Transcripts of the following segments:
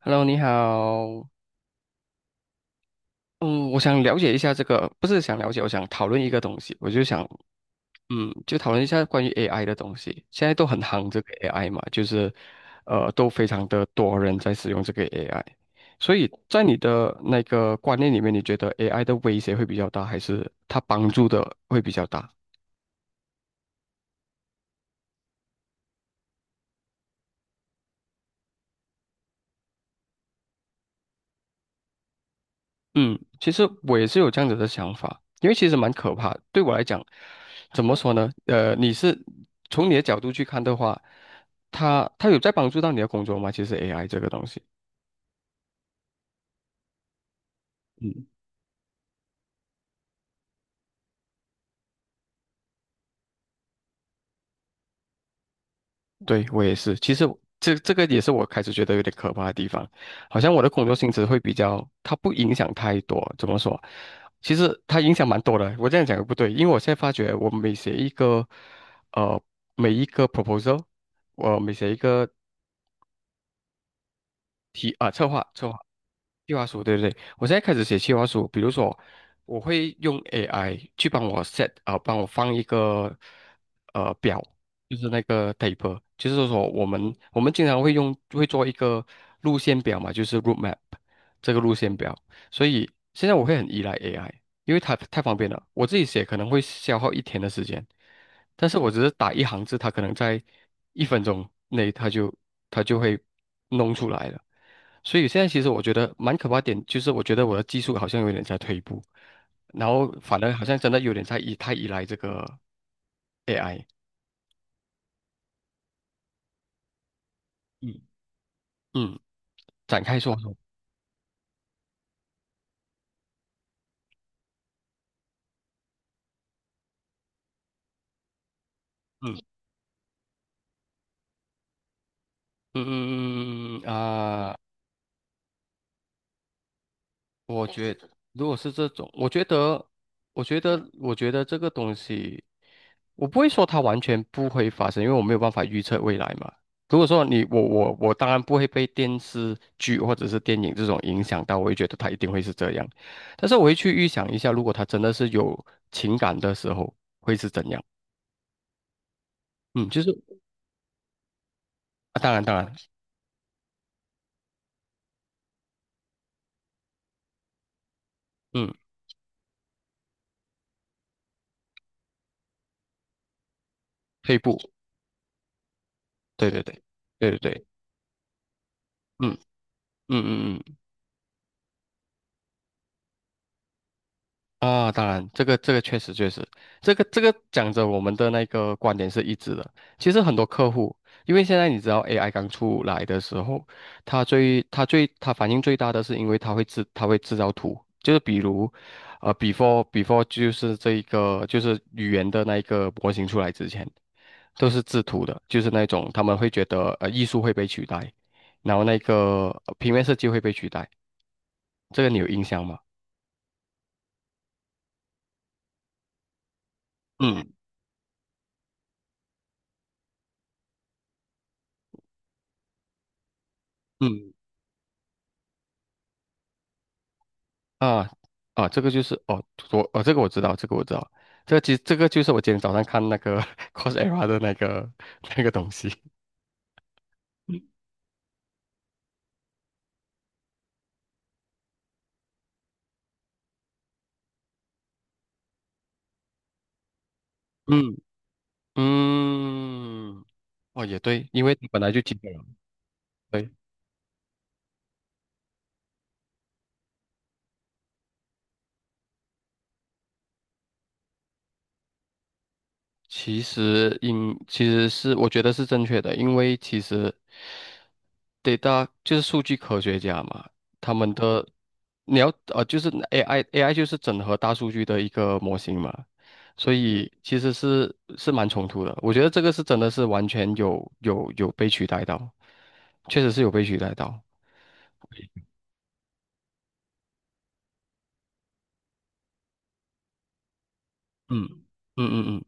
Hello，你好。嗯，我想了解一下这个，不是想了解，我想讨论一个东西。我就想，就讨论一下关于 AI 的东西。现在都很夯这个 AI 嘛，就是，都非常的多人在使用这个 AI。所以在你的那个观念里面，你觉得 AI 的威胁会比较大，还是它帮助的会比较大？嗯，其实我也是有这样子的想法，因为其实蛮可怕的。对我来讲，怎么说呢？你是从你的角度去看的话，他有在帮助到你的工作吗？其实 AI 这个东西，嗯，对我也是。其实这个也是我开始觉得有点可怕的地方，好像我的工作性质会比较，它不影响太多。怎么说？其实它影响蛮多的。我这样讲也不对，因为我现在发觉，我每写一个，呃，每一个 proposal。我每写一个提啊，策划计划书，对对对，我现在开始写计划书，比如说我会用 AI 去帮我 set 啊、帮我放一个表，就是那个 table，就是说我们经常会做一个路线表嘛，就是 road map 这个路线表，所以现在我会很依赖 AI，因为它太方便了，我自己写可能会消耗一天的时间，但是我只是打一行字，它可能在一分钟内它就会弄出来了。所以现在其实我觉得蛮可怕的点，就是我觉得我的技术好像有点在退步，然后反而好像真的有点在太依赖这个 AI。嗯，嗯，展开说说。嗯嗯嗯嗯嗯嗯嗯啊。我觉得，如果是这种，我觉得这个东西，我不会说它完全不会发生，因为我没有办法预测未来嘛。如果说你我我我当然不会被电视剧或者是电影这种影响到，我会觉得它一定会是这样。但是我会去预想一下，如果它真的是有情感的时候，会是怎样？嗯，就是啊当然当然，嗯，退步，对对对对对对，嗯。嗯嗯嗯嗯。啊，当然，这个确实确实，这个讲着我们的那个观点是一致的。其实很多客户，因为现在你知道 AI 刚出来的时候，他反应最大的是因为它会制造图，就是比如，before 就是这一个就是语言的那一个模型出来之前，都是制图的，就是那种他们会觉得艺术会被取代，然后那个平面设计会被取代，这个你有印象吗？嗯嗯，啊啊，这个就是哦，我哦，这个我知道，这个我知道，其实这个就是我今天早上看那个 Coursera 的那个东西。嗯嗯，哦也对，因为它本来就基本了。对，其实是我觉得是正确的，因为其实对 就是数据科学家嘛，他们的你要就是 AI 就是整合大数据的一个模型嘛，所以其实是蛮冲突的。我觉得这个是真的是完全有被取代到，确实是有被取代到。嗯嗯嗯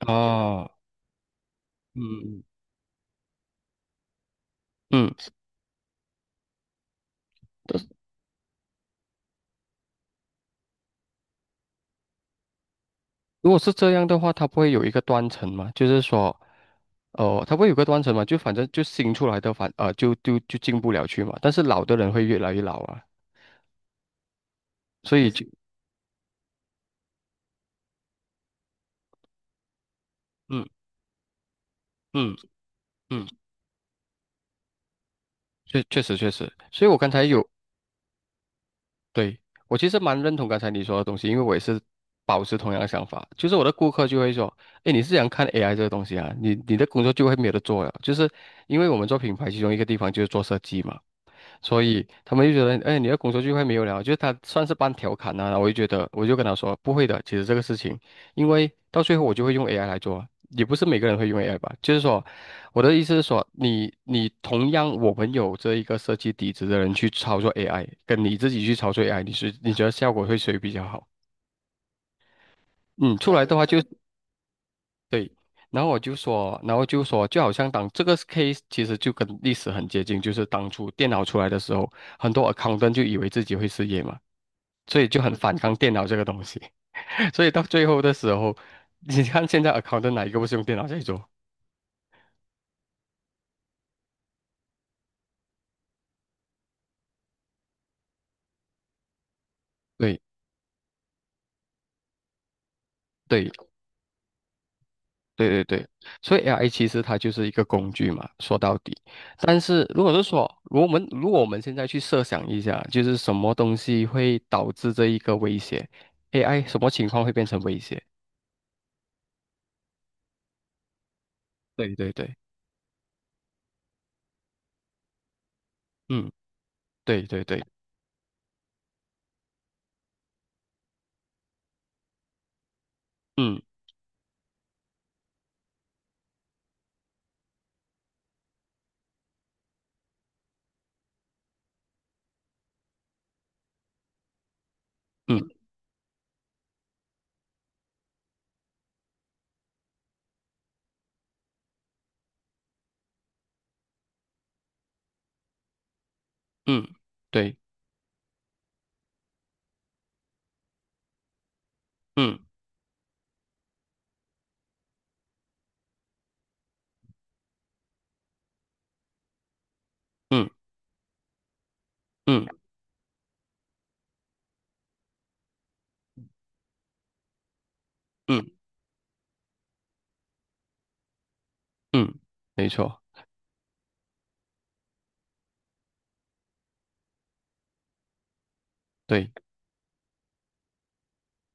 嗯，哦，嗯嗯嗯，如果是这样的话，它不会有一个断层嘛？就是说，哦，它不会有个断层嘛？就反正就新出来的就进不了去嘛，但是老的人会越来越老啊。所以就，嗯嗯嗯，确实，所以我刚才有，对，我其实蛮认同刚才你说的东西，因为我也是保持同样的想法，就是我的顾客就会说，哎，你是想看 AI 这个东西啊，你的工作就会没有得做了，就是因为我们做品牌，其中一个地方就是做设计嘛，所以他们就觉得，哎，你的工作聚会没有聊，就是他算是半调侃呐、啊。我就觉得，我就跟他说，不会的，其实这个事情，因为到最后我就会用 AI 来做，也不是每个人会用 AI 吧。就是说，我的意思是说，你同样我们有这一个设计底子的人去操作 AI，跟你自己去操作 AI，你觉得效果会谁比较好？嗯，出来的话就 然后我就说，就好像当这个 case 其实就跟历史很接近，就是当初电脑出来的时候，很多 a c c o u n t 就以为自己会失业嘛。所以就很反抗电脑这个东西。所以到最后的时候，你看现在 a c c o u n t 哪一个不是用电脑在做？对对对对对，所以 AI 其实它就是一个工具嘛，说到底。但是如果是说，如果我们现在去设想一下，就是什么东西会导致这一个威胁？AI 什么情况会变成威胁？对对对，嗯，对对对，嗯嗯嗯，对，嗯嗯嗯嗯嗯，没错，对。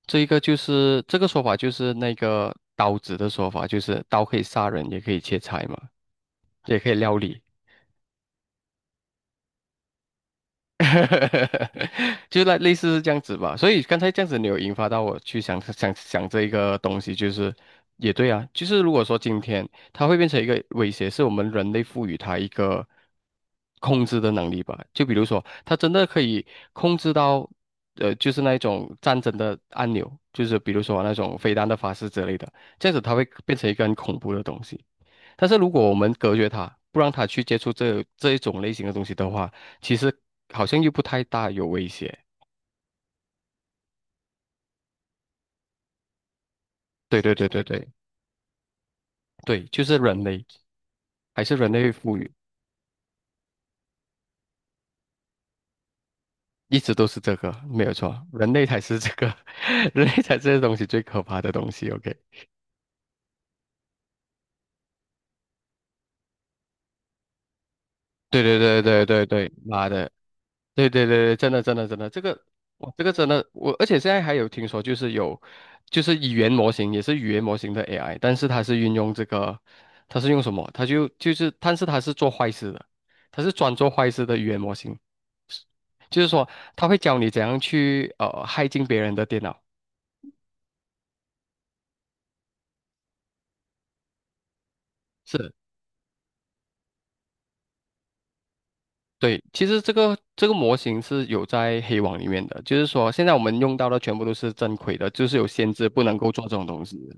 这一个就是这个说法，就是那个刀子的说法，就是刀可以杀人，也可以切菜嘛，也可以料理。就那类似是这样子吧，所以刚才这样子你有引发到我去想想这一个东西，就是也对啊，就是如果说今天它会变成一个威胁，是我们人类赋予它一个控制的能力吧，就比如说它真的可以控制到，就是那一种战争的按钮，就是比如说那种飞弹的发射之类的，这样子它会变成一个很恐怖的东西。但是如果我们隔绝它，不让它去接触这一种类型的东西的话，其实好像又不太大有威胁。对对对对对对，就是人类，还是人类赋予，一直都是这个，没有错，人类才是这个，人类才是这东西最可怕的东西。OK，对对对对对对，妈的，对对对对，真的真的真的，这个我这个真的我，而且现在还有听说，就是有就是语言模型也是语言模型的 AI，但是它是运用这个，它是用什么？它就是，但是它是做坏事的，它是专做坏事的语言模型。就是说他会教你怎样去害进别人的电脑。是，对，其实这个模型是有在黑网里面的，就是说现在我们用到的全部都是正规的，就是有限制不能够做这种东西的。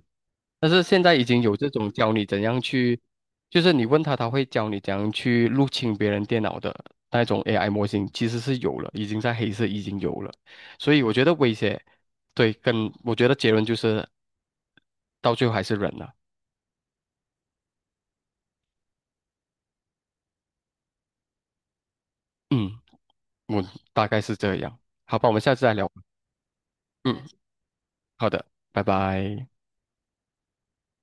但是现在已经有这种教你怎样去，就是你问他，他会教你怎样去入侵别人电脑的那种 AI 模型，其实是有了，已经在黑色已经有了。所以我觉得威胁，对，跟我觉得结论就是到最后还是人了。嗯。嗯，大概是这样。好吧，我们下次再聊。嗯，好的，拜拜。